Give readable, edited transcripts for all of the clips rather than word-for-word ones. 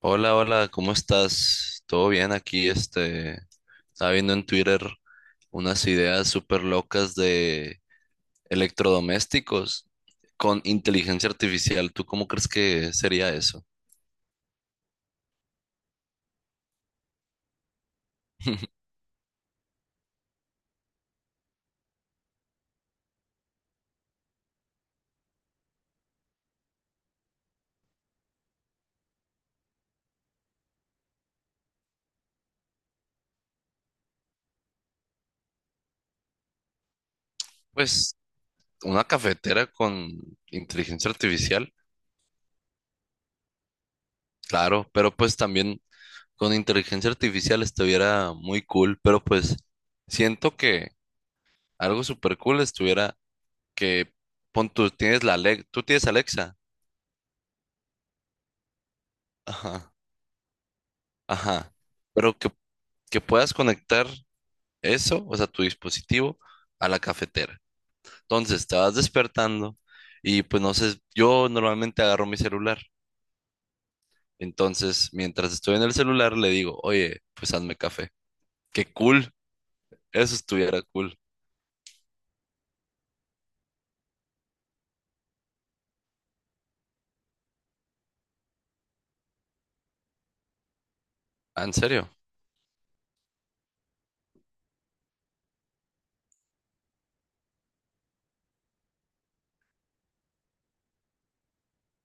Hola, hola, ¿cómo estás? ¿Todo bien aquí? Estaba viendo en Twitter unas ideas súper locas de electrodomésticos con inteligencia artificial. ¿Tú cómo crees que sería eso? Pues una cafetera con inteligencia artificial, claro, pero pues también con inteligencia artificial estuviera muy cool, pero pues siento que algo súper cool estuviera que pon tú tienes la Alex, tú tienes Alexa. Ajá. Ajá, pero que puedas conectar eso, o sea, tu dispositivo a la cafetera. Entonces, te vas despertando y pues no sé, yo normalmente agarro mi celular. Entonces, mientras estoy en el celular, le digo, oye, pues hazme café. Qué cool, eso estuviera cool. Ah, ¿en serio?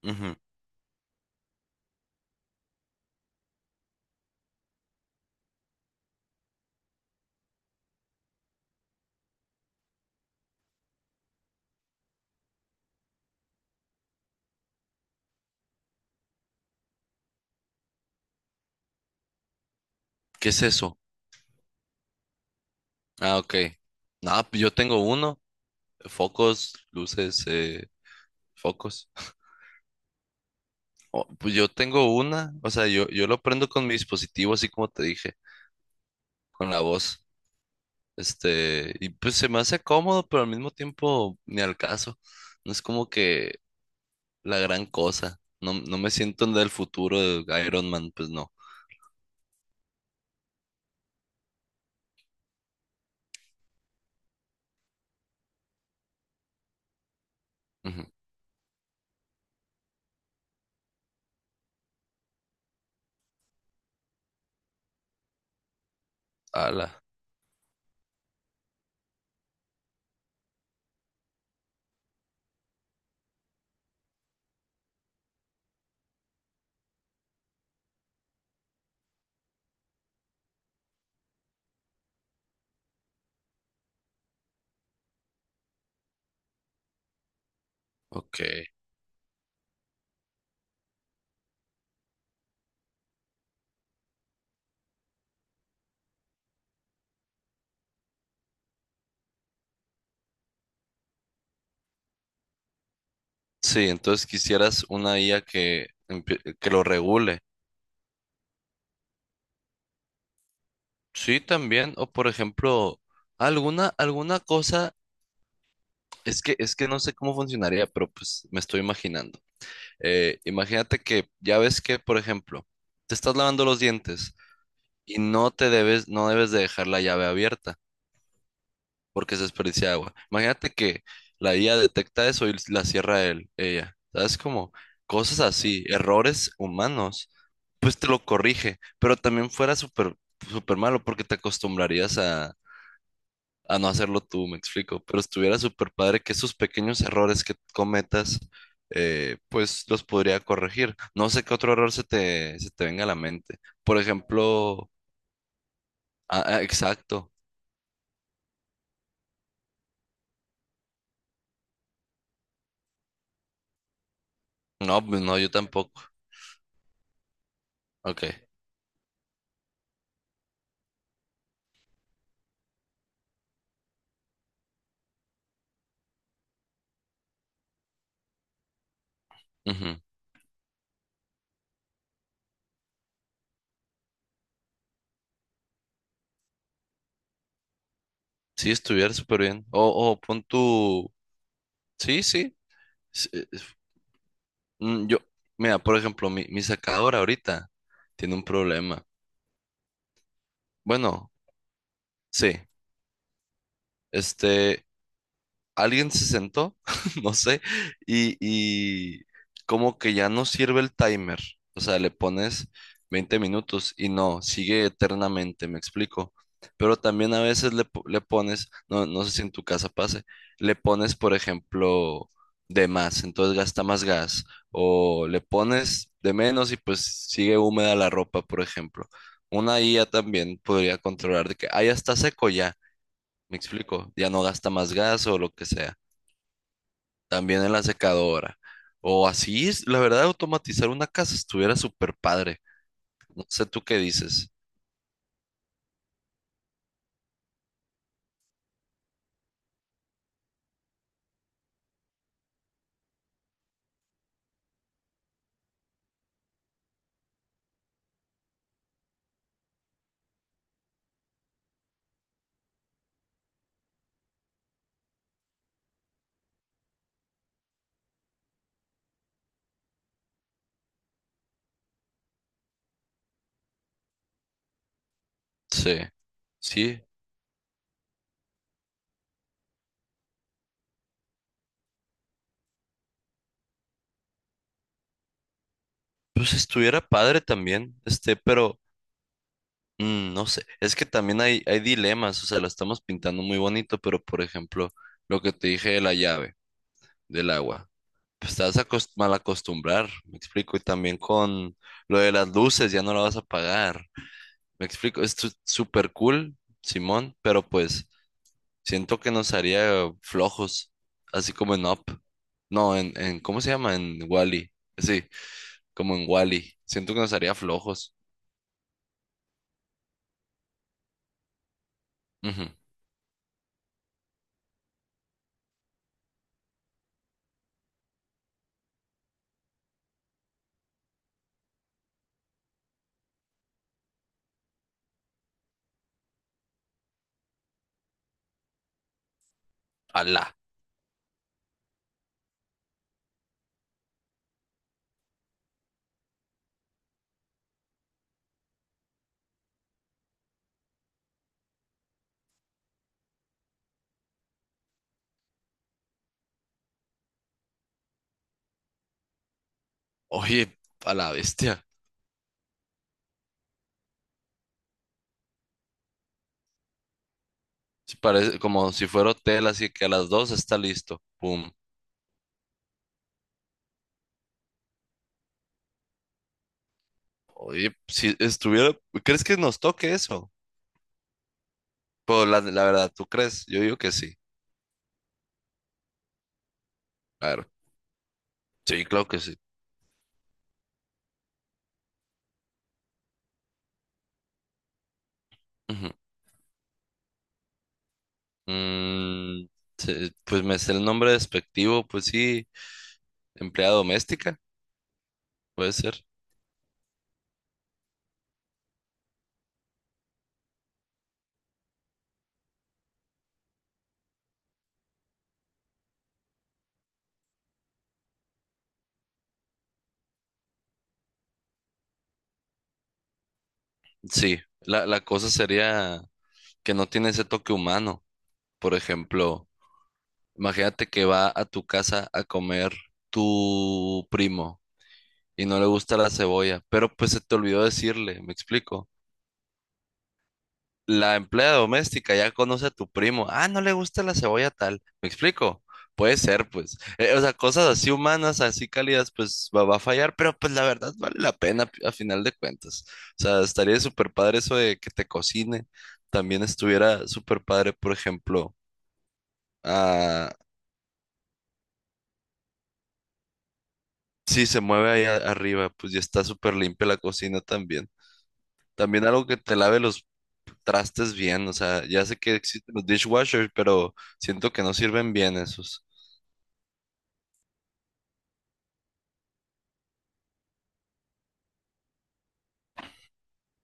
Ujú. ¿Qué es eso? Ah, ok. No, pues yo tengo uno, focos, luces, focos. Oh, pues yo tengo una, o sea, yo lo prendo con mi dispositivo, así como te dije, con la voz. Y pues se me hace cómodo, pero al mismo tiempo ni al caso. No es como que la gran cosa. No, no me siento en el futuro de Iron Man, pues no. Ujú. Ala, ok. Sí, entonces quisieras una IA que, que lo regule. Sí, también. O por ejemplo, alguna cosa, es que no sé cómo funcionaría, pero pues me estoy imaginando. Imagínate que ya ves que, por ejemplo, te estás lavando los dientes. Y no debes de dejar la llave abierta porque se desperdicia agua. Imagínate que la IA detecta eso y la cierra él, ella. ¿Sabes? Como cosas así, errores humanos, pues te lo corrige, pero también fuera súper malo porque te acostumbrarías a no hacerlo tú, me explico. Pero estuviera súper padre que esos pequeños errores que cometas, pues los podría corregir. No sé qué otro error se te venga a la mente. Por ejemplo, exacto. No, pues no, yo tampoco. Ok. Ujú. Sí, estuviera súper bien. O pon tu. Sí, sí. s- eh, f- Yo, mira, por ejemplo, mi secadora ahorita tiene un problema. Bueno, sí. Este. Alguien se sentó, no sé, y como que ya no sirve el timer. O sea, le pones 20 minutos y no, sigue eternamente, me explico. Pero también a veces le pones, no sé si en tu casa pase, le pones, por ejemplo, de más, entonces gasta más gas. O le pones de menos y pues sigue húmeda la ropa, por ejemplo. Una IA también podría controlar de que, ah, ya está seco ya. Me explico, ya no gasta más gas o lo que sea. También en la secadora. O así, la verdad, automatizar una casa estuviera súper padre. No sé tú qué dices. Sí, sí. Pues estuviera padre también, pero no sé. Es que también hay dilemas, o sea, lo estamos pintando muy bonito, pero por ejemplo, lo que te dije de la llave, del agua. Pues te vas a mal acostumbrar, me explico. Y también con lo de las luces, ya no la vas a pagar. Me explico, esto es súper cool, Simón, pero pues. Siento que nos haría flojos, así como en Up. No, en ¿cómo se llama? En Wally. Sí, como en Wally. Siento que nos haría flojos. Ujú. Ala. Oye, a la bestia. Sí, parece como si fuera hotel, así que a las dos está listo. Pum. Oye, si estuviera, ¿crees que nos toque eso? Pues la verdad, ¿tú crees? Yo digo que sí. Claro. Sí, claro que sí. Ujú. Mm, pues me sé el nombre despectivo, pues sí, empleada doméstica, puede ser. Sí, la cosa sería que no tiene ese toque humano. Por ejemplo, imagínate que va a tu casa a comer tu primo y no le gusta la cebolla, pero pues se te olvidó decirle, ¿me explico? La empleada doméstica ya conoce a tu primo. Ah, no le gusta la cebolla tal. ¿Me explico? Puede ser, pues. O sea, cosas así humanas, así cálidas, pues va a fallar, pero pues la verdad vale la pena a final de cuentas. O sea, estaría súper padre eso de que te cocine. También estuviera súper padre, por ejemplo, ah, si se mueve ahí arriba, pues ya está súper limpia la cocina también. También algo que te lave los trastes bien, o sea, ya sé que existen los dishwashers, pero siento que no sirven bien esos.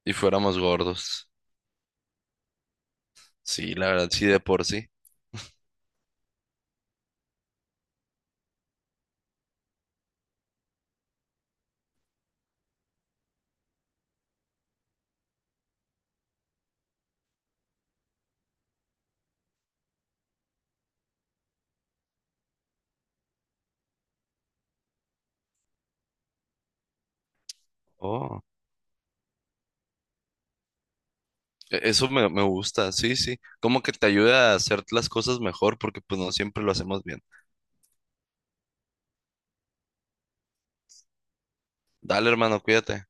Y fuéramos gordos. Sí, la verdad, sí, de por sí. Oh, eso me gusta, sí, sí. Como que te ayuda a hacer las cosas mejor porque pues no siempre lo hacemos bien. Dale, hermano, cuídate.